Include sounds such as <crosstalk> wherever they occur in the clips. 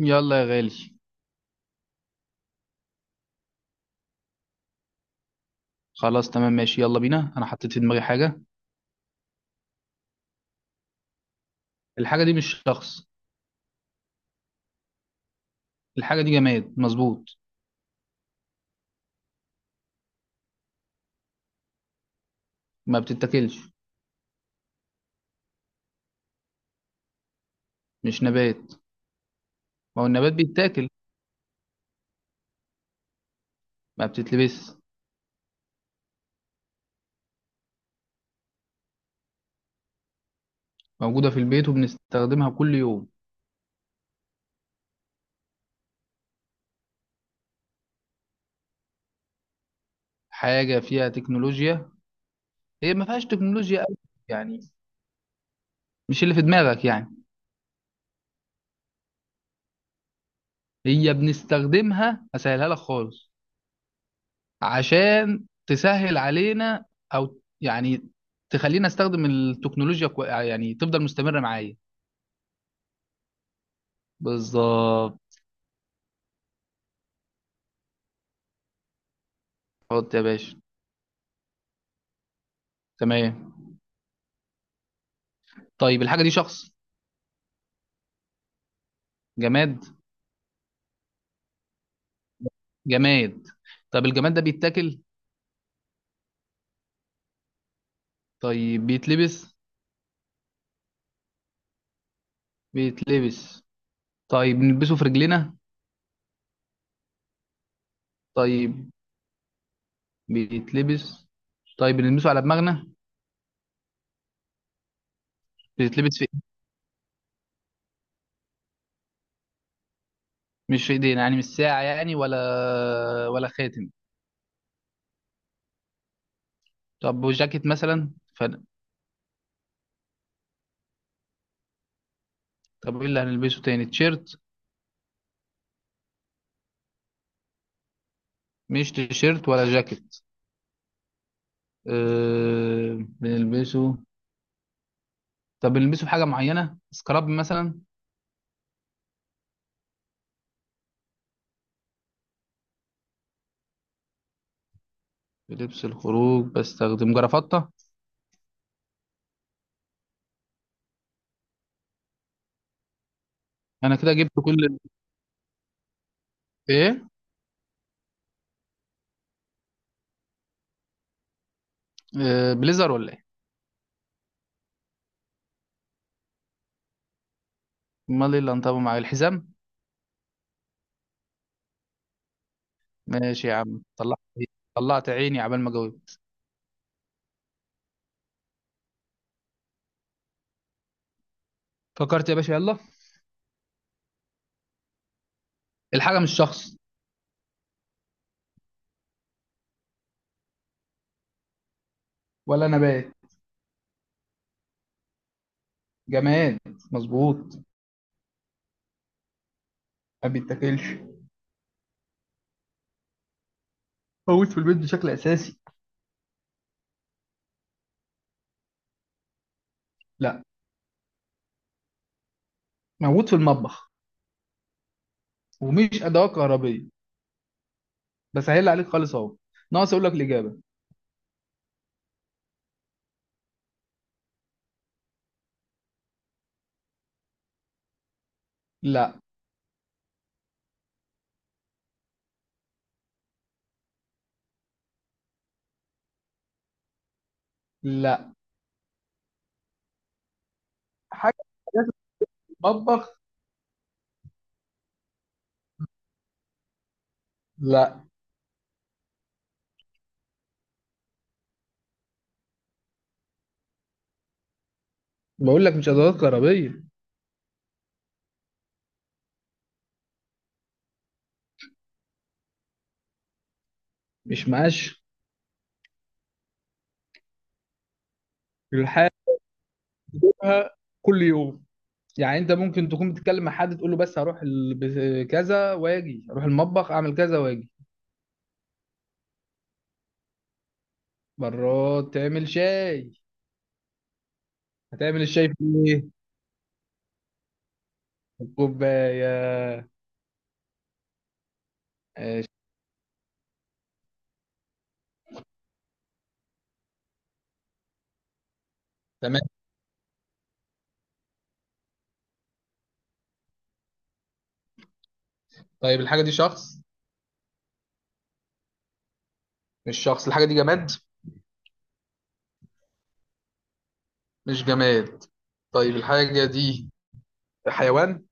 يلا يا غالي. خلاص، تمام، ماشي، يلا بينا. انا حطيت في دماغي حاجه. الحاجه دي مش شخص. الحاجه دي جماد، مظبوط. ما بتتاكلش. مش نبات. ما هو النبات بيتاكل. ما بتتلبس. موجوده في البيت وبنستخدمها كل يوم. حاجه فيها تكنولوجيا. هي ما فيهاش تكنولوجيا قوي، يعني مش اللي في دماغك يعني. هي بنستخدمها، اسهلها لك خالص عشان تسهل علينا، او يعني تخلينا استخدم التكنولوجيا كوي، يعني تفضل مستمره معايا. بالظبط. حط يا باشا. تمام. طيب الحاجة دي شخص؟ جماد. جماد. طيب الجماد ده بيتاكل؟ طيب بيتلبس. بيتلبس. طيب بنلبسه في رجلنا؟ طيب، بيتلبس. طيب بنلبسه على دماغنا؟ بيتلبس في إيه؟ مش في ايدينا، يعني مش ساعة يعني، ولا ولا خاتم. طب وجاكيت مثلا ف... طب ايه اللي هنلبسه تاني، تيشيرت؟ مش تيشيرت ولا جاكيت. بنلبسه. طب بنلبسه في حاجة معينة، سكراب مثلا؟ في لبس الخروج بستخدم جرافطة. انا كده جبت كل ايه. بليزر ولا ايه؟ امال ايه اللي انطبق معايا، الحزام؟ ماشي يا عم طلعت، طلعت عيني عبال ما جاوبت. فكرت يا باشا، يلا. الحاجة مش شخص. ولا نبات. جماد، مظبوط. ما بيتاكلش. موجود في البيت بشكل اساسي. لا. موجود في المطبخ ومش ادوات كهربية. بسهل عليك خالص اهو، ناقص اقول لك الاجابة. لا. لا. حاجة، حاجات في المطبخ. لا. بقول لك مش ادوات كهربية. مش مقاش. الحاجة بتشوفها كل يوم، يعني انت ممكن تكون بتتكلم مع حد تقول له بس هروح كذا واجي، اروح المطبخ اعمل كذا واجي. مرات تعمل شاي. هتعمل الشاي في ايه؟ في الكوبايه. آه، تمام. طيب الحاجه دي شخص؟ مش شخص. الحاجه دي جماد. مش جماد. طيب الحاجه دي حيوان؟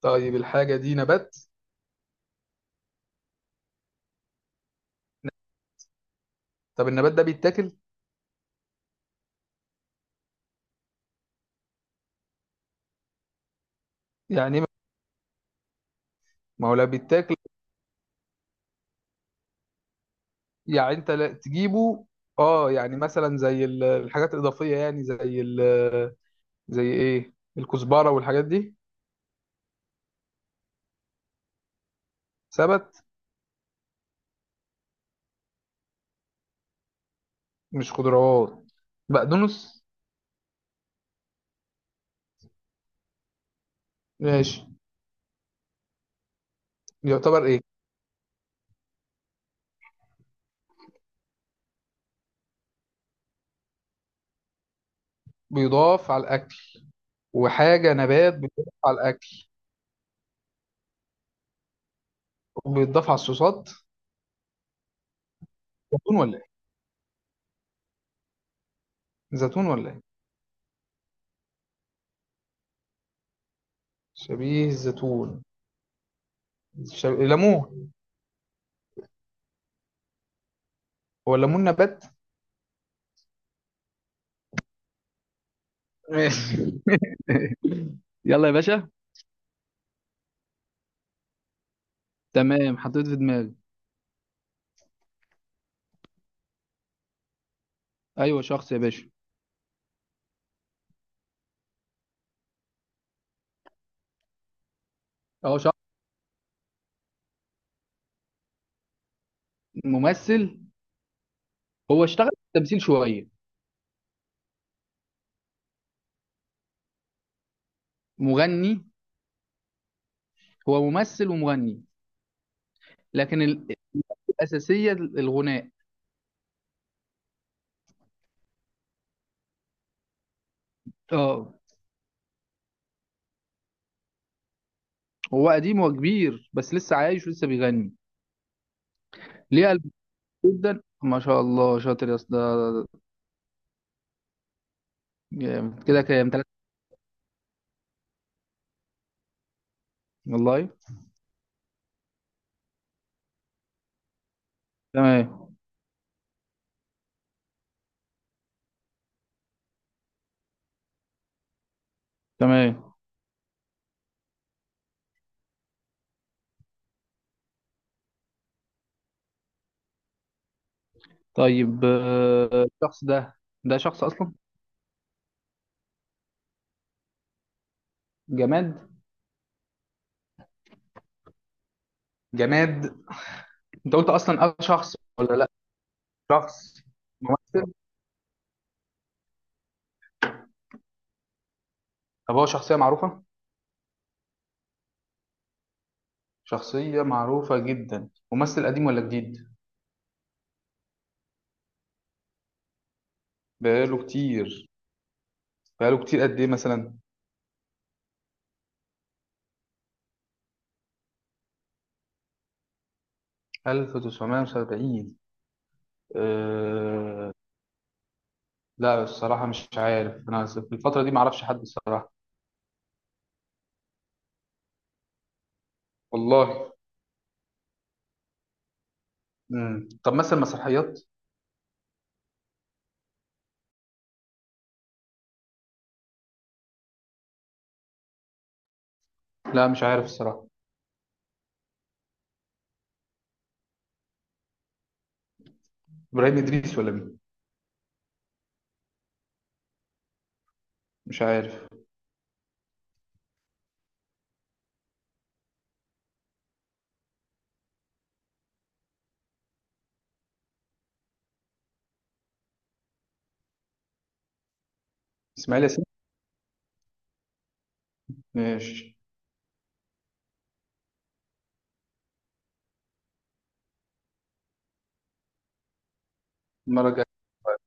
طيب الحاجه دي نبات. طب النبات ده بيتاكل؟ يعني ايه؟ ما هو لا بيتاكل، يعني انت لا تجيبه، اه يعني مثلا زي الحاجات الاضافيه، يعني زي زي ايه، الكزبرة والحاجات دي. سبت؟ مش خضروات؟ بقدونس؟ ماشي. يعتبر ايه؟ بيضاف على الاكل. وحاجة نبات بيضاف على الاكل وبيضاف على الصوصات. زيتون ولا ايه؟ زيتون ولا ايه؟ شبيه الزيتون. شب... ليمون. هو الليمون نبات؟ ماشي. <laughs> يلا يا باشا. تمام، حطيت في دماغي. ايوه شخص يا باشا. اهو شخص. ممثل. هو اشتغل في التمثيل شوية. مغني. هو ممثل ومغني لكن الأساسية الغناء. اه. هو قديم وكبير بس لسه عايش ولسه بيغني. ليه قلب؟ جدا ما شاء الله، شاطر يا اسطى. جامد. كده كام، تلاتة؟ والله. تمام. تمام. طيب، الشخص ده، ده شخص اصلا؟ جماد. جماد. انت قلت اصلا اه شخص ولا لا؟ شخص. ممثل. طب هو شخصية معروفة؟ شخصية معروفة جدا. ممثل قديم ولا جديد؟ بقاله كتير. بقاله كتير قد ايه مثلا؟ 1970؟ لا الصراحة مش عارف، أنا في الفترة دي معرفش حد الصراحة. والله. طب مثلا مسرحيات؟ لا مش عارف الصراحة. إبراهيم إدريس ولا مين؟ مش عارف. إسماعيل ياسين. ماشي. المرة الجاية.